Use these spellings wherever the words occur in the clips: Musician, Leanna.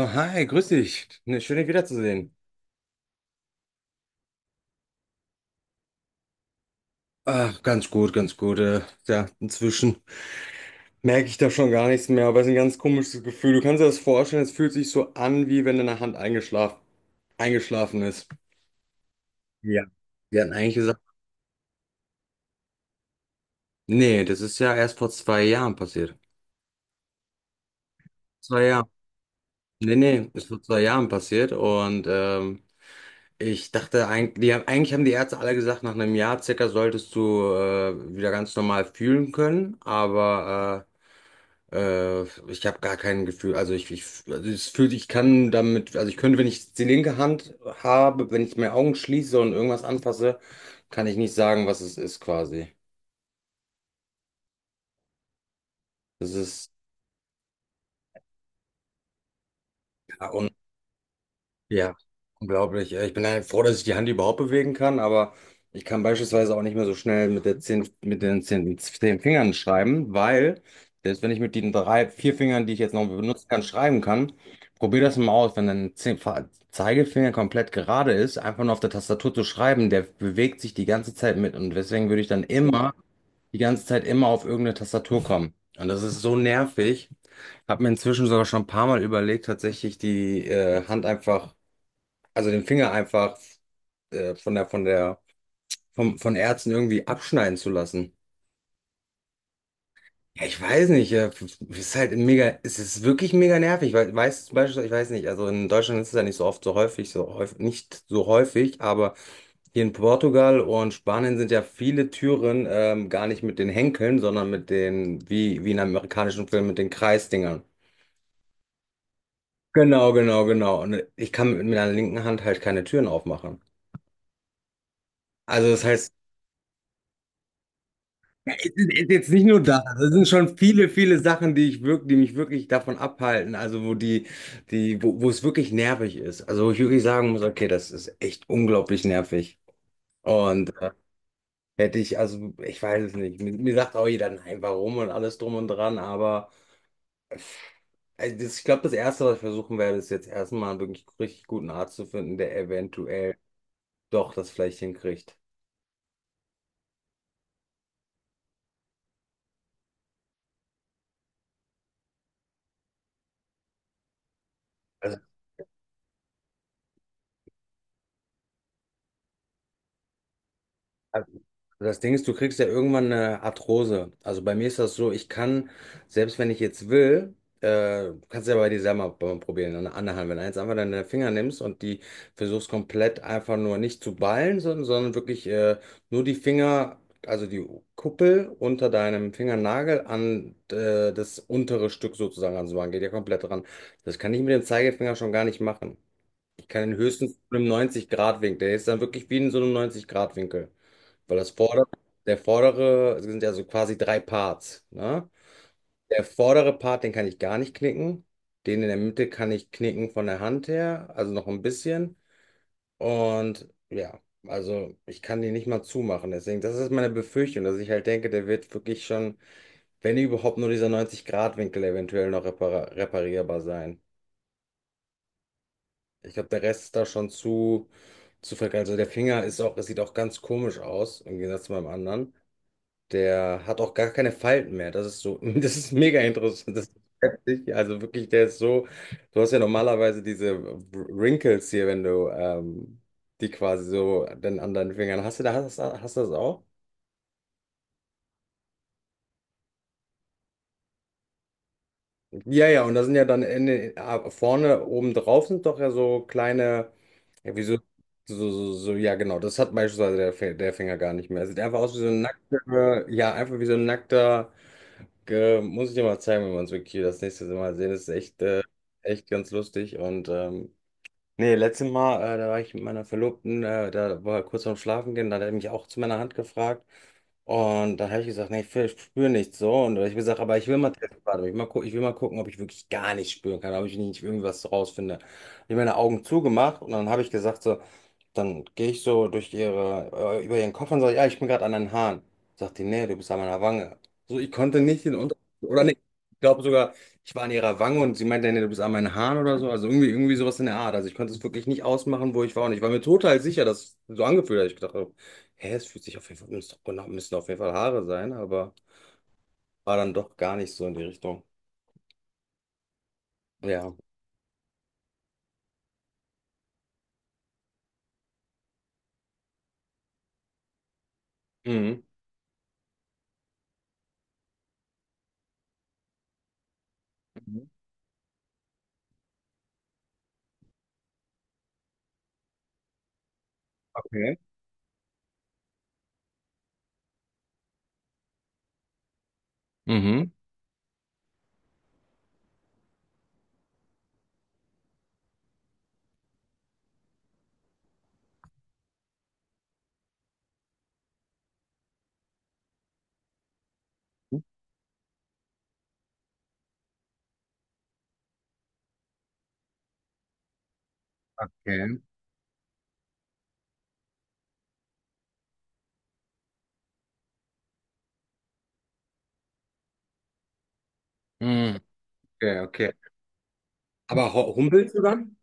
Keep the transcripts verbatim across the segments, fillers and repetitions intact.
Oh, hi, grüß dich. Ne, schön, dich wiederzusehen. Ach, ganz gut, ganz gut. Äh, ja, inzwischen merke ich da schon gar nichts mehr, aber es ist ein ganz komisches Gefühl. Du kannst dir das vorstellen, es fühlt sich so an, wie wenn deine Hand eingeschlafen, eingeschlafen ist. Ja. Wir hatten eigentlich gesagt, nee, das ist ja erst vor zwei Jahren passiert. Zwei Jahre. Nee, nee, ist vor zwei Jahren passiert und ähm, ich dachte eigentlich, die, haben- eigentlich haben die Ärzte alle gesagt, nach einem Jahr circa solltest du äh, wieder ganz normal fühlen können, aber äh, Äh, ich habe gar kein Gefühl, also ich, ich, also es fühlt, ich kann damit, also ich könnte, wenn ich die linke Hand habe, wenn ich meine Augen schließe und irgendwas anfasse, kann ich nicht sagen, was es ist quasi. Das ist ja. Ja, unglaublich. Äh, Ich bin ja froh, dass ich die Hand überhaupt bewegen kann, aber ich kann beispielsweise auch nicht mehr so schnell mit der zehn, mit den zehn, zehn Fingern schreiben, weil selbst wenn ich mit den drei, vier Fingern, die ich jetzt noch benutzen kann, schreiben kann, probier das mal aus. Wenn dein Zeh- Fa- Zeigefinger komplett gerade ist, einfach nur auf der Tastatur zu schreiben, der bewegt sich die ganze Zeit mit, und deswegen würde ich dann immer, die ganze Zeit, immer auf irgendeine Tastatur kommen. Und das ist so nervig. Habe mir inzwischen sogar schon ein paar Mal überlegt, tatsächlich die äh, Hand einfach, also den Finger einfach, äh, von der, von der, vom, von Ärzten irgendwie abschneiden zu lassen. Ja, ich weiß nicht, äh, ist halt mega, es ist wirklich mega nervig, weil, weißt zum Beispiel, ich weiß nicht, also in Deutschland ist es ja nicht so oft, so häufig, so häufig, nicht so häufig, aber hier in Portugal und Spanien sind ja viele Türen ähm, gar nicht mit den Henkeln, sondern mit den, wie, wie in amerikanischen Filmen, mit den Kreisdingern. Genau, genau, genau. Und ich kann mit meiner linken Hand halt keine Türen aufmachen. Also das heißt, jetzt nicht nur das, das sind schon viele, viele Sachen, die ich wirklich, die mich wirklich davon abhalten, also wo die, die, wo, wo es wirklich nervig ist. Also wo ich wirklich sagen muss, okay, das ist echt unglaublich nervig. Und äh, hätte ich, also ich weiß es nicht. Mir, mir sagt auch jeder, nein, warum und alles drum und dran, aber äh, das, ich glaube, das Erste, was ich versuchen werde, ist jetzt erstmal einen wirklich richtig guten Arzt zu finden, der eventuell doch das vielleicht hinkriegt. Also, das Ding ist, du kriegst ja irgendwann eine Arthrose. Also bei mir ist das so, ich kann, selbst wenn ich jetzt will, äh, kannst du ja bei dir selber mal probieren, an der anderen Hand. Wenn du jetzt einfach deine Finger nimmst und die versuchst komplett einfach nur nicht zu ballen, sondern, sondern wirklich äh, nur die Finger, also die Kuppel unter deinem Fingernagel an äh, das untere Stück sozusagen ranzumachen, geht ja komplett ran. Das kann ich mit dem Zeigefinger schon gar nicht machen. Ich kann ihn höchstens mit einem neunzig-Grad-Winkel. Der ist dann wirklich wie in so einem neunzig-Grad-Winkel. Weil das vordere, der vordere, es sind ja so quasi drei Parts, ne? Der vordere Part, den kann ich gar nicht knicken. Den in der Mitte kann ich knicken von der Hand her, also noch ein bisschen. Und ja, also ich kann den nicht mal zumachen. Deswegen, das ist meine Befürchtung, dass ich halt denke, der wird wirklich schon, wenn überhaupt, nur dieser neunzig-Grad-Winkel eventuell noch repara reparierbar sein. Ich glaube, der Rest ist da schon zu, zu verk- Also der Finger ist auch, es sieht auch ganz komisch aus, im Gegensatz zu meinem anderen. Der hat auch gar keine Falten mehr. Das ist so, das ist mega interessant. Das ist heftig. Also wirklich, der ist so, du hast ja normalerweise diese Wrinkles hier, wenn du ähm, die quasi so dann an deinen Fingern hast. Du da hast, hast du das auch? Ja, ja, und da sind ja dann in, den- ah, vorne oben drauf sind doch ja so kleine, ja, wie so, so, so, so, ja, genau, das hat beispielsweise der, Fi- der Finger gar nicht mehr. Er sieht einfach aus wie so ein nackter, ja, einfach wie so ein nackter, ge- muss ich dir mal zeigen, wenn wir uns wirklich das nächste Mal sehen. Das ist echt, äh, echt ganz lustig und ähm, nee, letztes Mal, äh, da war ich mit meiner Verlobten, äh, da war kurz vorm Schlafen gehen, da hat er mich auch zu meiner Hand gefragt. Und da habe ich gesagt, nee, ich, spüre nichts so. Und ich hab gesagt, aber ich will mal testen, warte, ich will mal, gu- ich will mal gucken, ob ich wirklich gar nicht spüren kann, ob ich nicht irgendwas rausfinde. Ich habe meine Augen zugemacht und dann habe ich gesagt so, dann gehe ich so durch ihre, äh, über ihren Kopf und sage, ja, ich bin gerade an den Haaren. Sagt die, nee, du bist an meiner Wange. So, ich konnte nicht den Unterschied, oder nee, ich glaube sogar. Ich war an ihrer Wange und sie meinte, nee, du bist an meinen Haaren oder so. Also irgendwie, irgendwie sowas in der Art. Also ich konnte es wirklich nicht ausmachen, wo ich war. Und ich war mir total sicher, dass es so angefühlt hat. Ich dachte, hä, es fühlt sich auf jeden Fall, müssen doch, genau, müssen auf jeden Fall Haare sein, aber war dann doch gar nicht so in die Richtung. Ja. Mhm. Mhm. Okay. Mhm. Okay. Mhm. Okay, okay. Aber hu- humpelst du dann?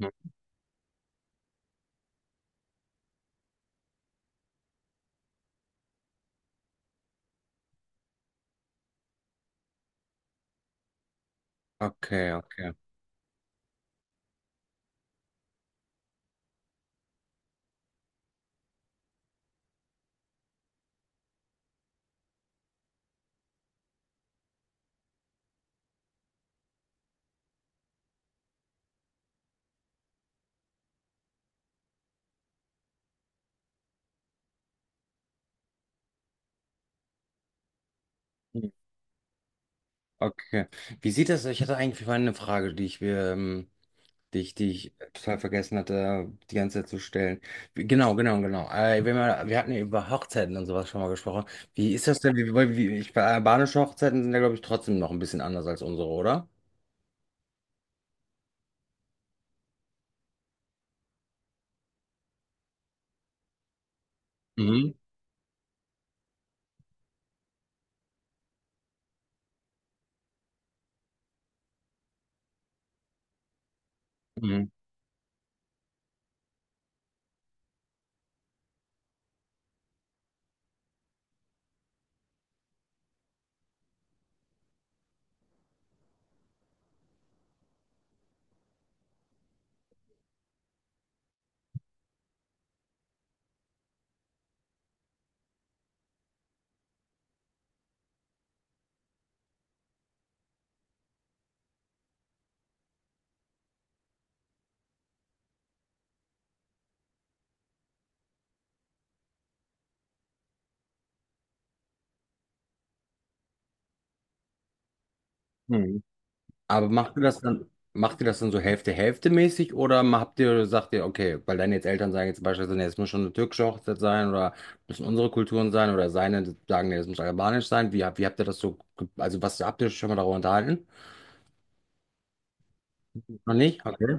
Mhm. Okay, okay. Mhm. Okay. Wie sieht das? Ich hatte eigentlich vorhin eine Frage, die ich mir, ähm, die ich, die ich äh, total vergessen hatte, die ganze Zeit zu stellen. Wie- Genau, genau, genau. Äh, wenn wir, wir hatten ja über Hochzeiten und sowas schon mal gesprochen. Wie ist das denn? Wie, wie, wie, ich, albanische Hochzeiten sind ja, glaube ich, trotzdem noch ein bisschen anders als unsere, oder? Mhm. Mhm. Mhm. Aber macht ihr das dann, macht ihr das dann so Hälfte-Hälfte-mäßig oder ma- habt ihr, sagt ihr, okay, weil deine jetzt Eltern sagen jetzt beispielsweise, nee, es muss schon eine türkische Hochzeit sein oder müssen unsere Kulturen sein oder seine sagen, nee, es muss albanisch sein. Wie, hab- wie habt ihr das so, ge- also was habt ihr euch schon mal darüber unterhalten? Noch nicht? Okay.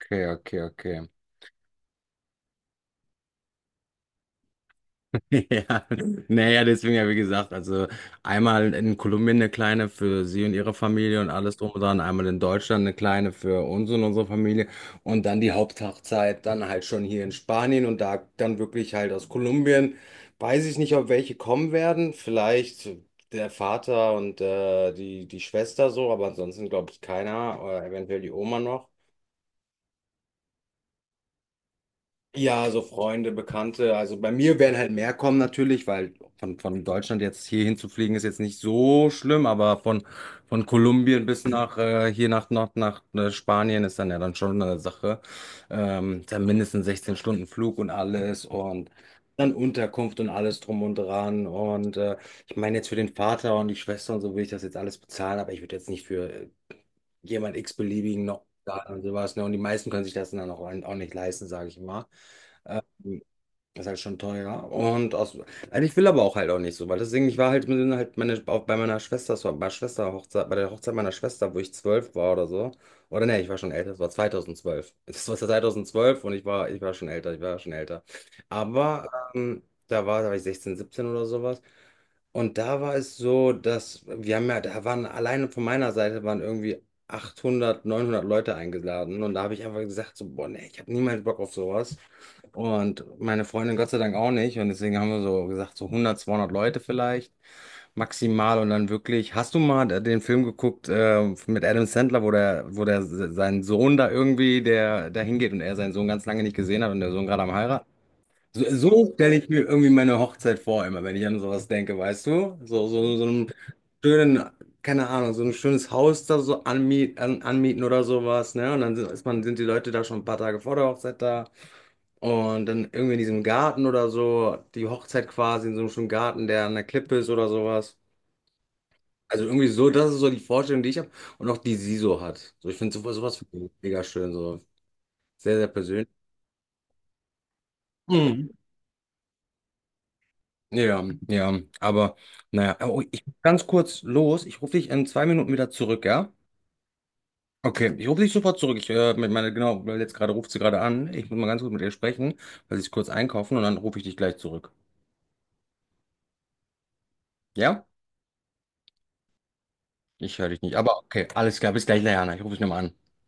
Okay, okay, okay. Ja, naja, deswegen ja, wie gesagt, also einmal in Kolumbien eine kleine für sie und ihre Familie und alles drum und dran, einmal in Deutschland eine kleine für uns und unsere Familie und dann die Haupthochzeit dann halt schon hier in Spanien und da dann wirklich halt aus Kolumbien. Weiß ich nicht, ob welche kommen werden, vielleicht der Vater und äh, die, die Schwester so, aber ansonsten glaube ich keiner, oder eventuell die Oma noch. Ja, so Freunde, Bekannte. Also bei mir werden halt mehr kommen natürlich, weil von, von Deutschland jetzt hier hinzufliegen ist jetzt nicht so schlimm, aber von, von Kolumbien bis nach äh, hier nach, nach, nach äh, Spanien ist dann ja dann schon eine Sache. Ähm, dann mindestens sechzehn Stunden Flug und alles und dann Unterkunft und alles drum und dran. Und äh, ich meine jetzt für den Vater und die Schwester und so will ich das jetzt alles bezahlen, aber ich würde jetzt nicht für äh, jemand x-beliebigen noch zahlen und sowas, ne? Und die meisten können sich das dann auch, auch nicht leisten, sage ich mal. Das ist halt schon teuer. Und aus, also ich will aber auch halt auch nicht so, weil deswegen, ich war halt, mit, halt meine, auch bei meiner Schwester, bei meiner Schwester Hochzeit, bei der Hochzeit meiner Schwester, wo ich zwölf war oder so. Oder nee, ich war schon älter, das war zweitausendzwölf. Das war zweitausendzwölf und ich war, ich war schon älter, ich war schon älter. Aber ähm, da war, da war ich sechzehn siebzehn oder sowas. Und da war es so, dass wir haben ja, da waren alleine von meiner Seite waren irgendwie achthundert neunhundert Leute eingeladen. Und da habe ich einfach gesagt, so, boah, nee, ich habe niemals Bock auf sowas. Und meine Freundin Gott sei Dank auch nicht. Und deswegen haben wir so gesagt, so hundert, zweihundert Leute vielleicht maximal. Und dann wirklich, hast du mal den Film geguckt äh, mit Adam Sandler, wo der, wo der sein Sohn da irgendwie, der da hingeht und er seinen Sohn ganz lange nicht gesehen hat und der Sohn gerade am heiraten? So, so stelle ich mir irgendwie meine Hochzeit vor, immer, wenn ich an sowas denke, weißt du? So, so, so einen schönen, keine Ahnung, so ein schönes Haus da so anmiet, an, anmieten oder sowas, ne? Und dann sind, ist man, sind die Leute da schon ein paar Tage vor der Hochzeit da. Und dann irgendwie in diesem Garten oder so, die Hochzeit quasi in so einem schönen Garten, der an der Klippe ist oder sowas. Also irgendwie so, das ist so die Vorstellung, die ich habe und auch die sie so hat. So, ich finde sowas, sowas find ich mega schön, so sehr, sehr persönlich. Mhm. Ja, ja, aber naja, oh, ich muss ganz kurz los. Ich rufe dich in zwei Minuten wieder zurück, ja? Okay, ich rufe dich sofort zurück. Ich, äh, mit meiner, genau, weil jetzt gerade ruft sie gerade an. Ich muss mal ganz kurz mit ihr sprechen, weil sie ist kurz einkaufen und dann rufe ich dich gleich zurück. Ja? Ich höre dich nicht, aber okay, alles klar, bis gleich, Leanna. Ich rufe dich nochmal an.